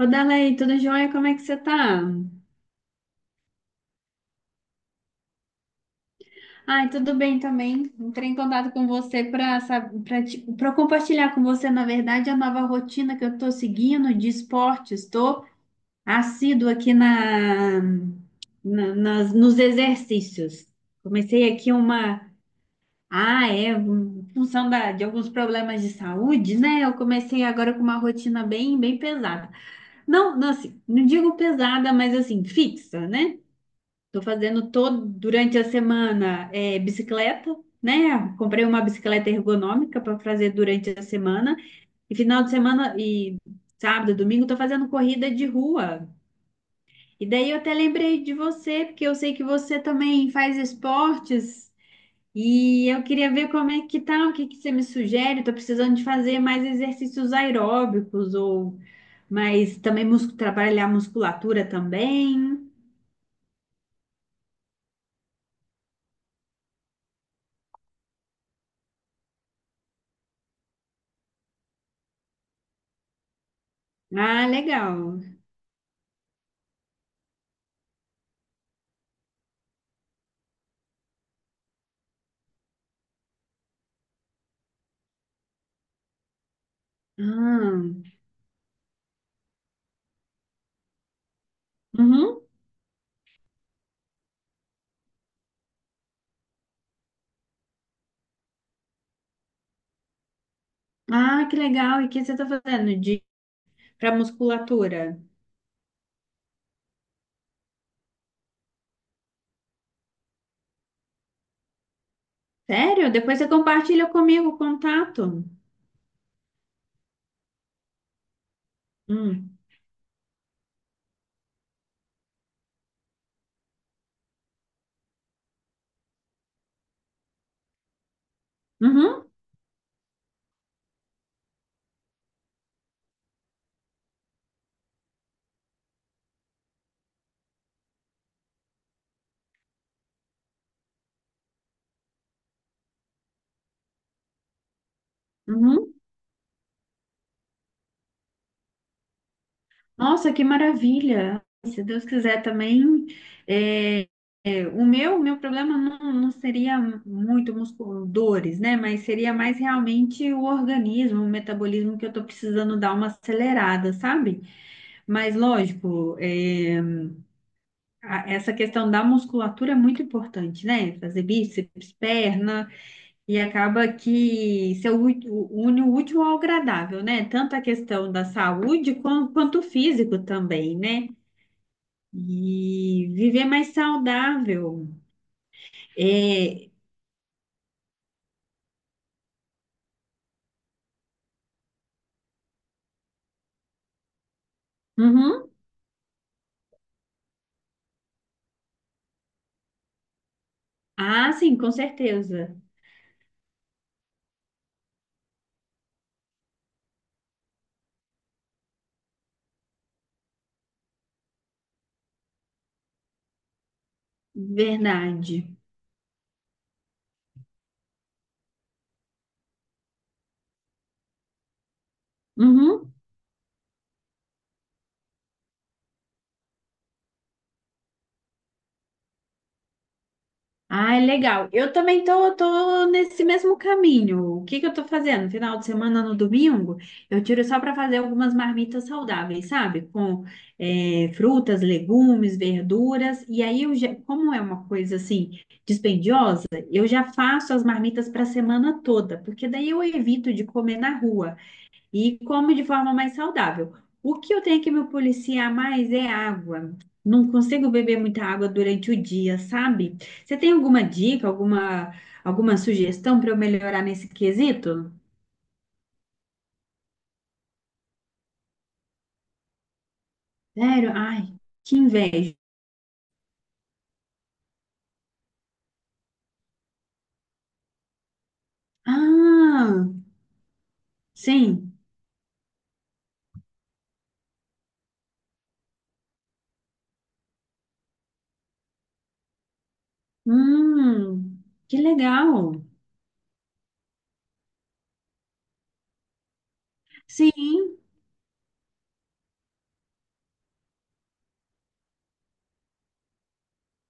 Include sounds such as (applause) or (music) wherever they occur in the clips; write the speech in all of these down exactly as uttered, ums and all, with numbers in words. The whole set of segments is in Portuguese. Ô, Dalei, tudo jóia? Como é que você tá? Ai, tudo bem também. Entrei em contato com você para para compartilhar com você, na verdade, a nova rotina que eu estou seguindo de esportes. Estou assíduo aqui na, na- nas, nos exercícios. Comecei aqui uma. Ah, é, um, em função da, de alguns problemas de saúde, né? Eu comecei agora com uma rotina bem, bem pesada. Não, não, assim, não digo pesada, mas assim, fixa, né? Tô fazendo todo durante a semana é, bicicleta, né? Comprei uma bicicleta ergonômica para fazer durante a semana e final de semana e sábado, domingo tô fazendo corrida de rua. E daí eu até lembrei de você, porque eu sei que você também faz esportes e eu queria ver como é que tá, o que que você me sugere? Tô precisando de fazer mais exercícios aeróbicos ou mais também mus- trabalhar a musculatura também. Ah, legal. Ah. Uhum. Ah, que legal. E o que você está fazendo de para musculatura? Sério? Depois você compartilha comigo o contato. Hum. Uhum. Uhum. Nossa, que maravilha. Se Deus quiser também. é, é, o meu, meu problema não, não seria muito muscul- dores, né? Mas seria mais realmente o organismo, o metabolismo que eu estou precisando dar uma acelerada, sabe? Mas lógico, é, a- essa questão da musculatura é muito importante, né? Fazer bíceps, perna, e acaba que se u- u- une o útil ao agradável, né? Tanto a questão da saúde quan- quanto o físico também, né? E viver mais saudável. É. Uhum. Ah, sim, com certeza. Verdade. Uhum. Ah, legal. Eu também tô, tô nesse mesmo caminho. O que que eu tô fazendo? Final de semana, no domingo, eu tiro só para fazer algumas marmitas saudáveis, sabe? Com eh, frutas, legumes, verduras. E aí, eu já, como é uma coisa assim dispendiosa, eu já faço as marmitas para a semana toda, porque daí eu evito de comer na rua e como de forma mais saudável. O que eu tenho que me policiar mais é água. Não consigo beber muita água durante o dia, sabe? Você tem alguma dica, alguma, alguma sugestão para eu melhorar nesse quesito? Sério? Ai, que inveja. Ah, sim. Hum, que legal. Sim.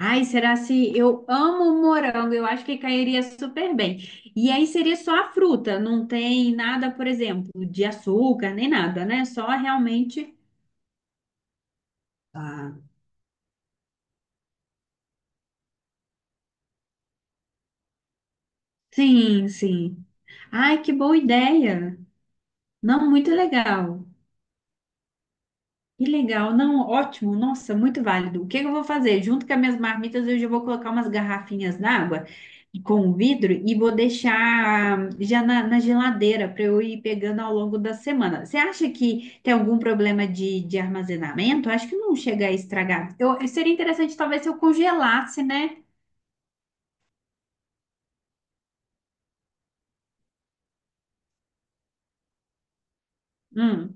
Ai, será se eu amo morango? Eu acho que cairia super bem. E aí seria só a fruta, não tem nada, por exemplo, de açúcar nem nada, né? Só realmente. Ah, sim, sim. Ai, que boa ideia! Não, muito legal. Que legal, não, ótimo, nossa, muito válido. O que que eu vou fazer? Junto com as minhas marmitas, eu já vou colocar umas garrafinhas d'água com vidro e vou deixar já na, na geladeira para eu ir pegando ao longo da semana. Você acha que tem algum problema de, de armazenamento? Acho que não chega a estragar. Eu, seria interessante talvez se eu congelasse, né? Hum.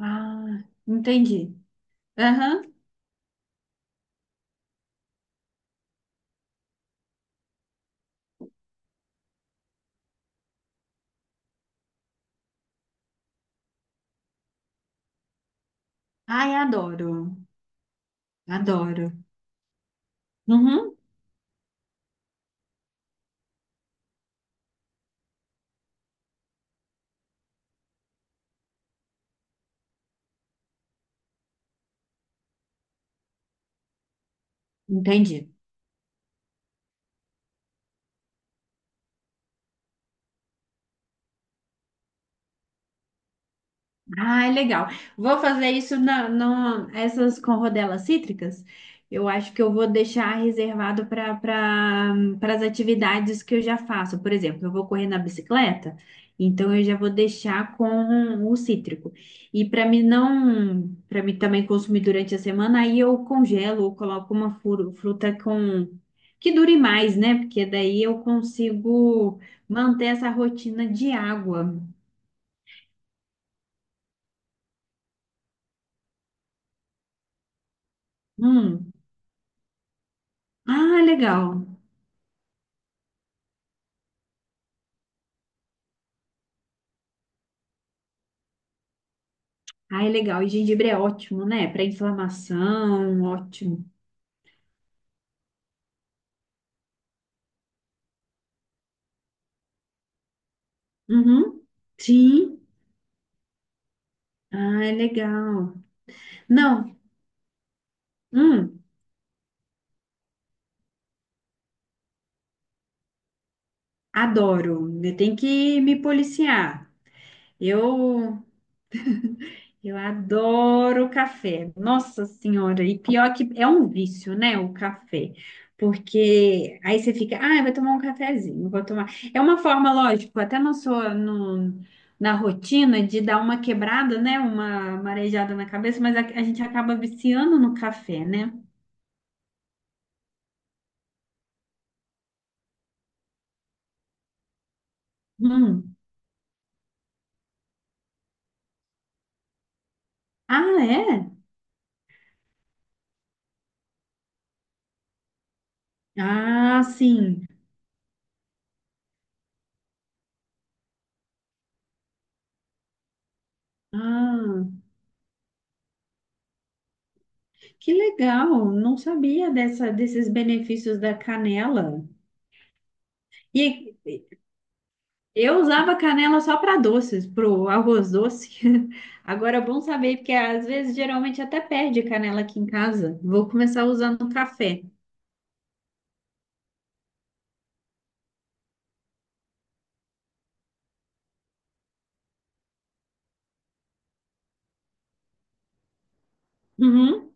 Ah, entendi. Aham. Ai, adoro, adoro. Uhum, entendi. Ah, legal. Vou fazer isso na, na- essas com rodelas cítricas. Eu acho que eu vou deixar reservado para para as atividades que eu já faço. Por exemplo, eu vou correr na bicicleta, então eu já vou deixar com o cítrico. E para mim não, para mim também consumir durante a semana, aí eu congelo ou coloco uma fru- fruta com que dure mais, né? Porque daí eu consigo manter essa rotina de água. Hum. Ah, legal. Ah, é legal. E gengibre é ótimo, né? Para inflamação, ótimo. Uhum. Sim. Ah, é legal. Não, hum, adoro. Eu tenho que me policiar. Eu Eu adoro café. Nossa Senhora, e pior que é um vício, né, o café. Porque aí você fica, ah, eu vou tomar um cafezinho, vou tomar. É uma forma, lógico, até na sua, no, na rotina de dar uma quebrada, né, uma marejada na cabeça, mas a, a gente acaba viciando no café, né? Hum. Ah, é? Ah, sim. Ah, que legal. Não sabia dessa, desses benefícios da canela. E Eu usava canela só para doces, pro arroz doce. (laughs) Agora é bom saber, porque às vezes geralmente até perde canela aqui em casa. Vou começar usando café. Uhum.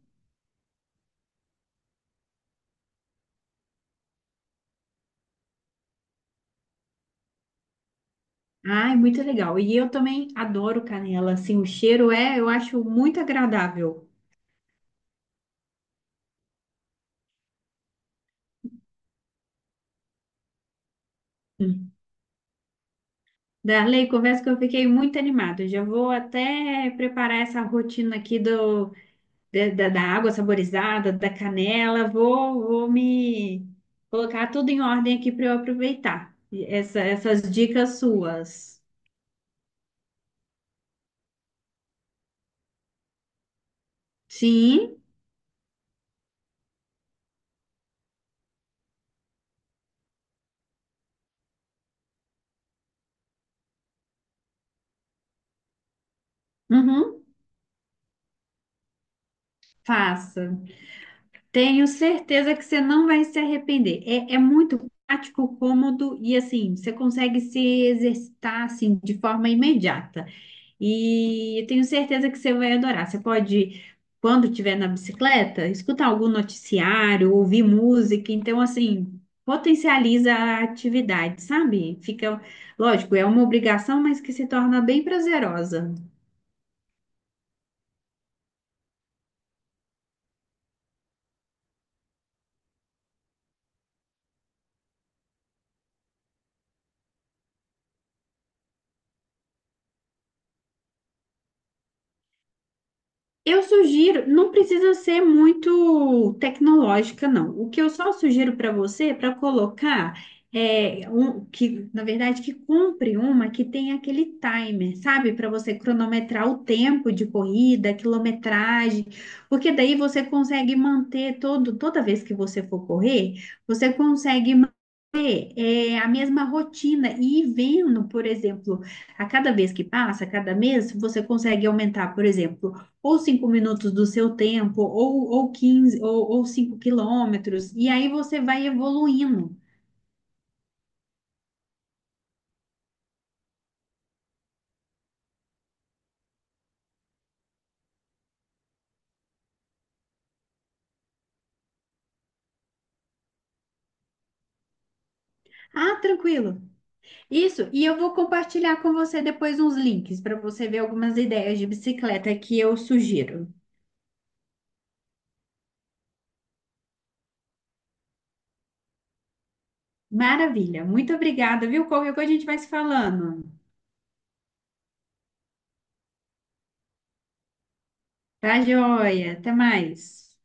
Ai, muito legal. E eu também adoro canela, assim, o cheiro é, eu acho muito agradável. Hum. Darley, confesso que eu fiquei muito animada. Eu já vou até preparar essa rotina aqui do de- da, da água saborizada, da canela, vou, vou me colocar tudo em ordem aqui para eu aproveitar e essa- essas dicas suas. Sim, uhum, faça. Tenho certeza que você não vai se arrepender. É, é muito prático, cômodo e assim, você consegue se exercitar assim de forma imediata. E eu tenho certeza que você vai adorar. Você pode, quando estiver na bicicleta, escutar algum noticiário, ouvir música. Então, assim, potencializa a atividade, sabe? Fica, lógico, é uma obrigação, mas que se torna bem prazerosa. Eu sugiro, não precisa ser muito tecnológica, não. O que eu só sugiro para você é para colocar é um que, na verdade, que compre uma que tem aquele timer, sabe? Para você cronometrar o tempo de corrida, a quilometragem, porque daí você consegue manter todo, toda vez que você for correr, você consegue é, a mesma rotina e ir vendo, por exemplo, a cada vez que passa, a cada mês, você consegue aumentar, por exemplo, ou cinco minutos do seu tempo, ou, ou quinze ou, ou cinco quilômetros, e aí você vai evoluindo. Ah, tranquilo. Isso, e eu vou compartilhar com você depois uns links para você ver algumas ideias de bicicleta que eu sugiro. Maravilha, muito obrigada, viu? Qualquer coisa a gente vai se falando. Tá joia, até mais.